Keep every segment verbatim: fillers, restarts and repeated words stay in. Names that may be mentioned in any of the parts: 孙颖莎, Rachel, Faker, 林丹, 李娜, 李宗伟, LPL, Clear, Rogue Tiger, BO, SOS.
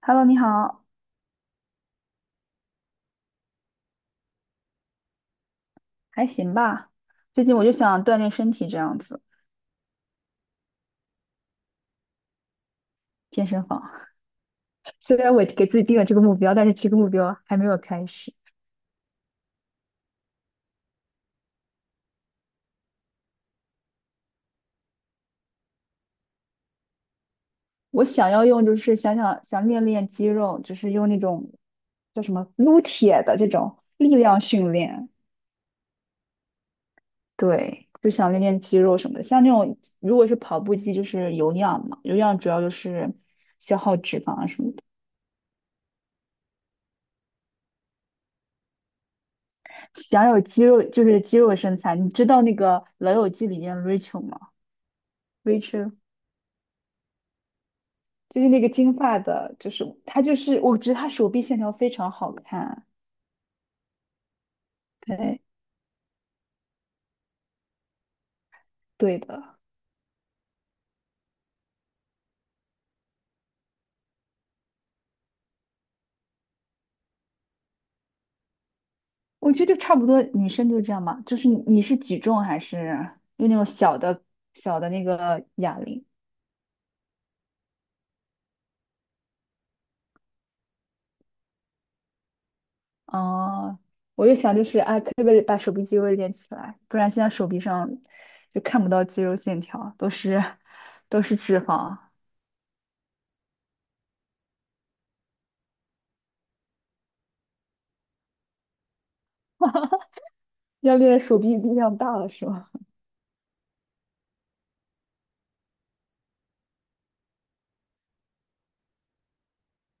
Hello，你好。还行吧？最近我就想锻炼身体，这样子，健身房。虽然我给自己定了这个目标，但是这个目标还没有开始。我想要用，就是想想想练练肌肉，就是用那种叫什么撸铁的这种力量训练。对，就想练练肌肉什么的。像那种如果是跑步机，就是有氧嘛，有氧主要就是消耗脂肪啊什么的。想有肌肉，就是肌肉身材。你知道那个《老友记》里面 Rachel 吗？Rachel 就是那个金发的，就是他就是我觉得他手臂线条非常好看。对，对的，我觉得就差不多，女生就这样嘛。就是你你是举重还是用那种小的小的那个哑铃？哦，我就想就是啊，可不可以把手臂肌肉练起来？不然现在手臂上就看不到肌肉线条，都是都是脂肪。要练手臂力量大了是吧？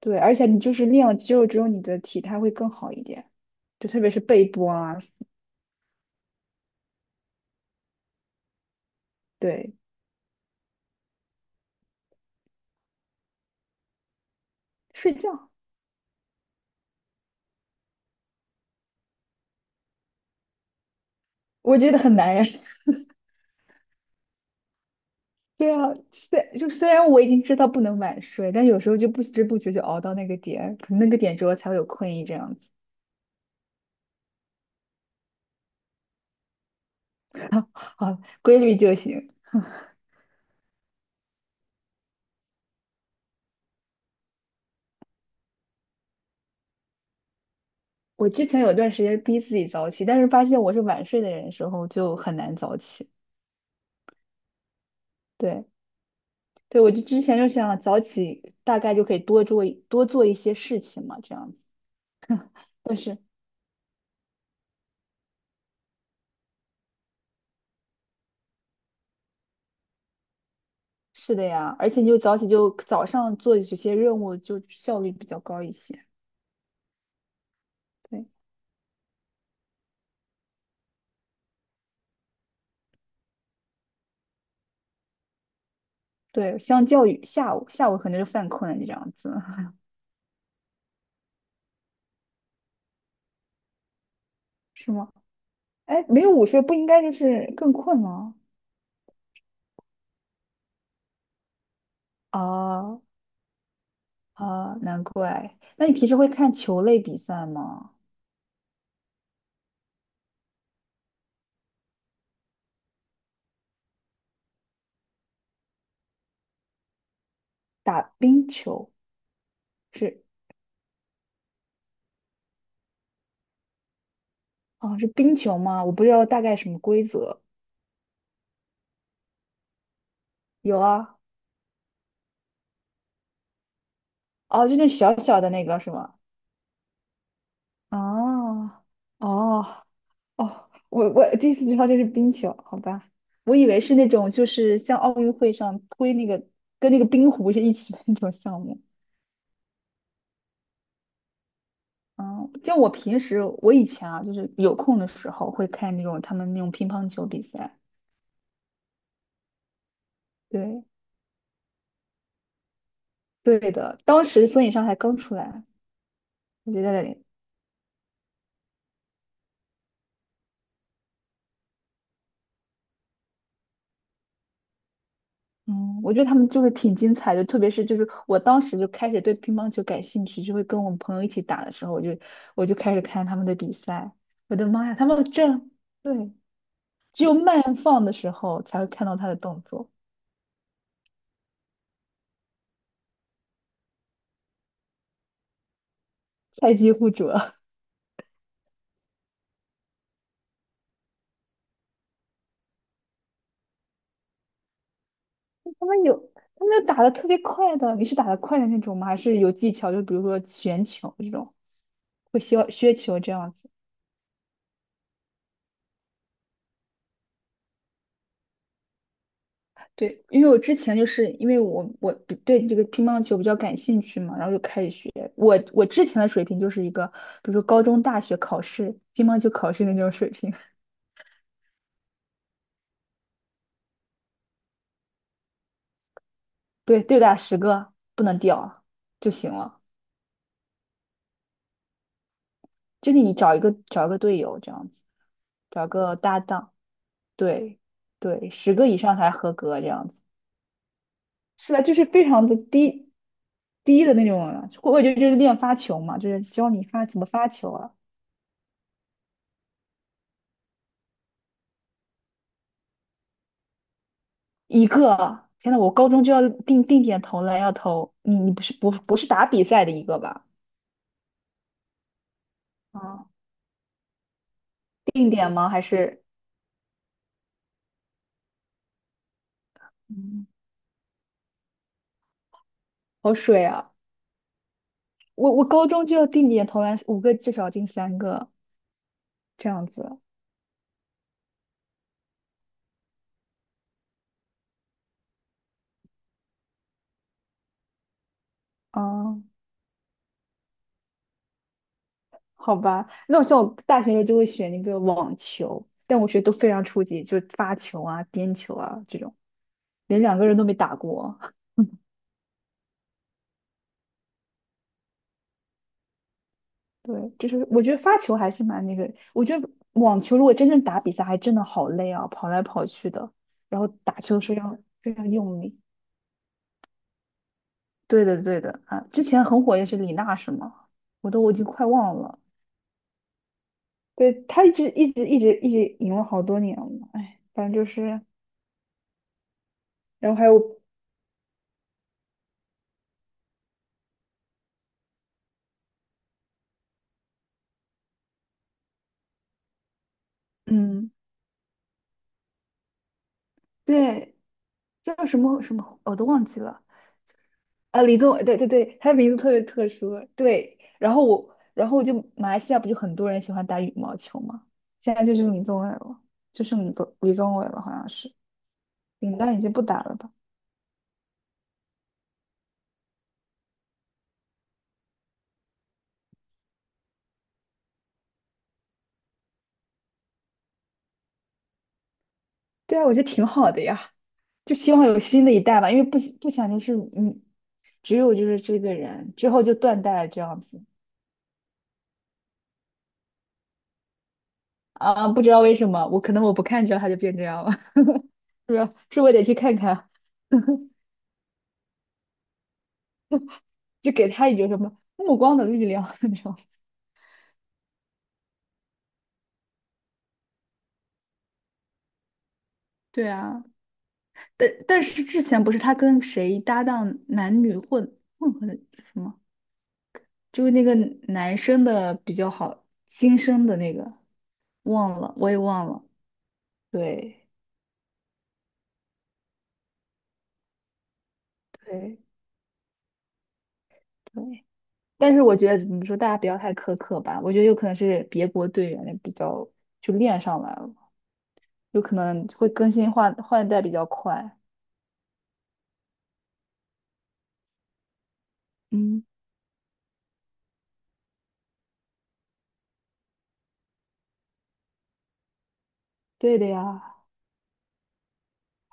对，而且你就是练了肌肉之后，你的体态会更好一点。就特别是背部啊。对，睡觉，我觉得很难呀。对啊，虽就虽然我已经知道不能晚睡，但有时候就不知不觉就熬到那个点，可能那个点之后才会有困意这样子。啊，规律就行。我之前有段时间逼自己早起，但是发现我是晚睡的人的时候就很难早起。对，对，我就之前就想早起大概就可以多做一多做一些事情嘛，这样子。但是是的呀，而且你就早起就早上做这些任务就效率比较高一些。对。对，相较于下午，下午可能就犯困了，你这样子。 是吗？哎，没有午睡不应该就是更困吗？哦哦，难怪。那你平时会看球类比赛吗？打冰球是。哦，是冰球吗？我不知道大概什么规则。有啊。哦，就那小小的那个是吗？哦哦哦，我我第一次知道这是冰球，好吧。我以为是那种就是像奥运会上推那个跟那个冰壶是一起的那种项目。嗯，就我平时我以前啊，就是有空的时候会看那种他们那种乒乓球比赛。对，对的，当时孙颖莎才刚出来，我觉得。嗯，我觉得他们就是挺精彩的，特别是就是我当时就开始对乒乓球感兴趣，就会跟我们朋友一起打的时候，我就我就开始看他们的比赛。我的妈呀，他们这，对，只有慢放的时候才会看到他的动作，菜鸡互啄。他们有他们有打的特别快的，你是打的快的那种吗？还是有技巧？就比如说旋球这种，会削削球这样子。对，因为我之前就是因为我我比对这个乒乓球比较感兴趣嘛，然后就开始学。我我之前的水平就是一个，比如说高中、大学考试乒乓球考试那种水平。对，对打十个不能掉就行了。就是你找一个找一个队友这样子，找个搭档。对对，十个以上才合格这样子。是啊，就是非常的低低的那种了。我觉得就是练发球嘛，就是教你发怎么发球啊。一个，天呐，我高中就要定定点投篮，要投你你不是不不是打比赛的一个吧？啊，定点吗？还是嗯，好水啊？我我高中就要定点投篮五个，至少进三个这样子。啊，好吧，那我像我大学时候就会选那个网球，但我学都非常初级，就是发球啊、颠球啊这种，连两个人都没打过。对，就是我觉得发球还是蛮那个，我觉得网球如果真正打比赛，还真的好累啊，跑来跑去的，然后打球是要非常用力。对的，对的啊，之前很火也是李娜是吗？我都我已经快忘了。对，她一直一直一直一直赢了好多年了，哎，反正就是，然后还有嗯，对，叫什么什么我都忘记了。啊，李宗伟，对对对，他的名字特别特殊，对。然后我，然后我就马来西亚不就很多人喜欢打羽毛球吗？现在就是李宗伟了，就剩李宗李宗伟了，好像是。林丹已经不打了吧？对啊，我觉得挺好的呀，就希望有新的一代吧，因为不不想就是嗯，只有就是这个人之后就断代了这样子。啊，不知道为什么，我可能我不看着他就变这样了，是不是？是我得去看看。就给他一种什么目光的力量 那种。对啊，但但是之前不是他跟谁搭档男女混混合的什么？就是那个男生的比较好，新生的那个忘了，我也忘了。对对对，但是我觉得怎么说，大家不要太苛刻吧。我觉得有可能是别国队员的比较就练上来了，有可能会更新换换代比较快。嗯，对的呀。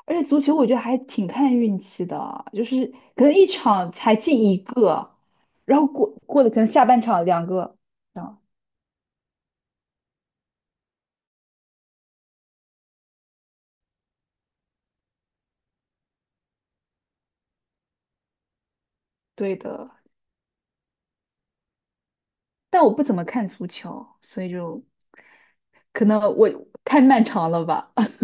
而且足球我觉得还挺看运气的，就是可能一场才进一个，然后过过了可能下半场两个，这样对的。但我不怎么看足球，所以就可能我太漫长了吧。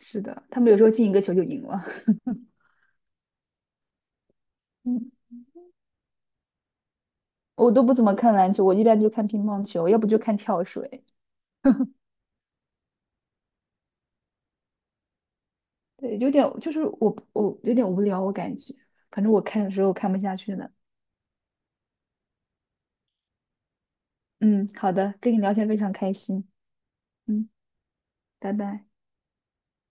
是的，他们有时候进一个球就赢了。嗯，我都不怎么看篮球，我一般就看乒乓球，要不就看跳水。对，有点就是我我有点无聊，我感觉，反正我看的时候看不下去了。嗯，好的，跟你聊天非常开心。嗯，拜拜。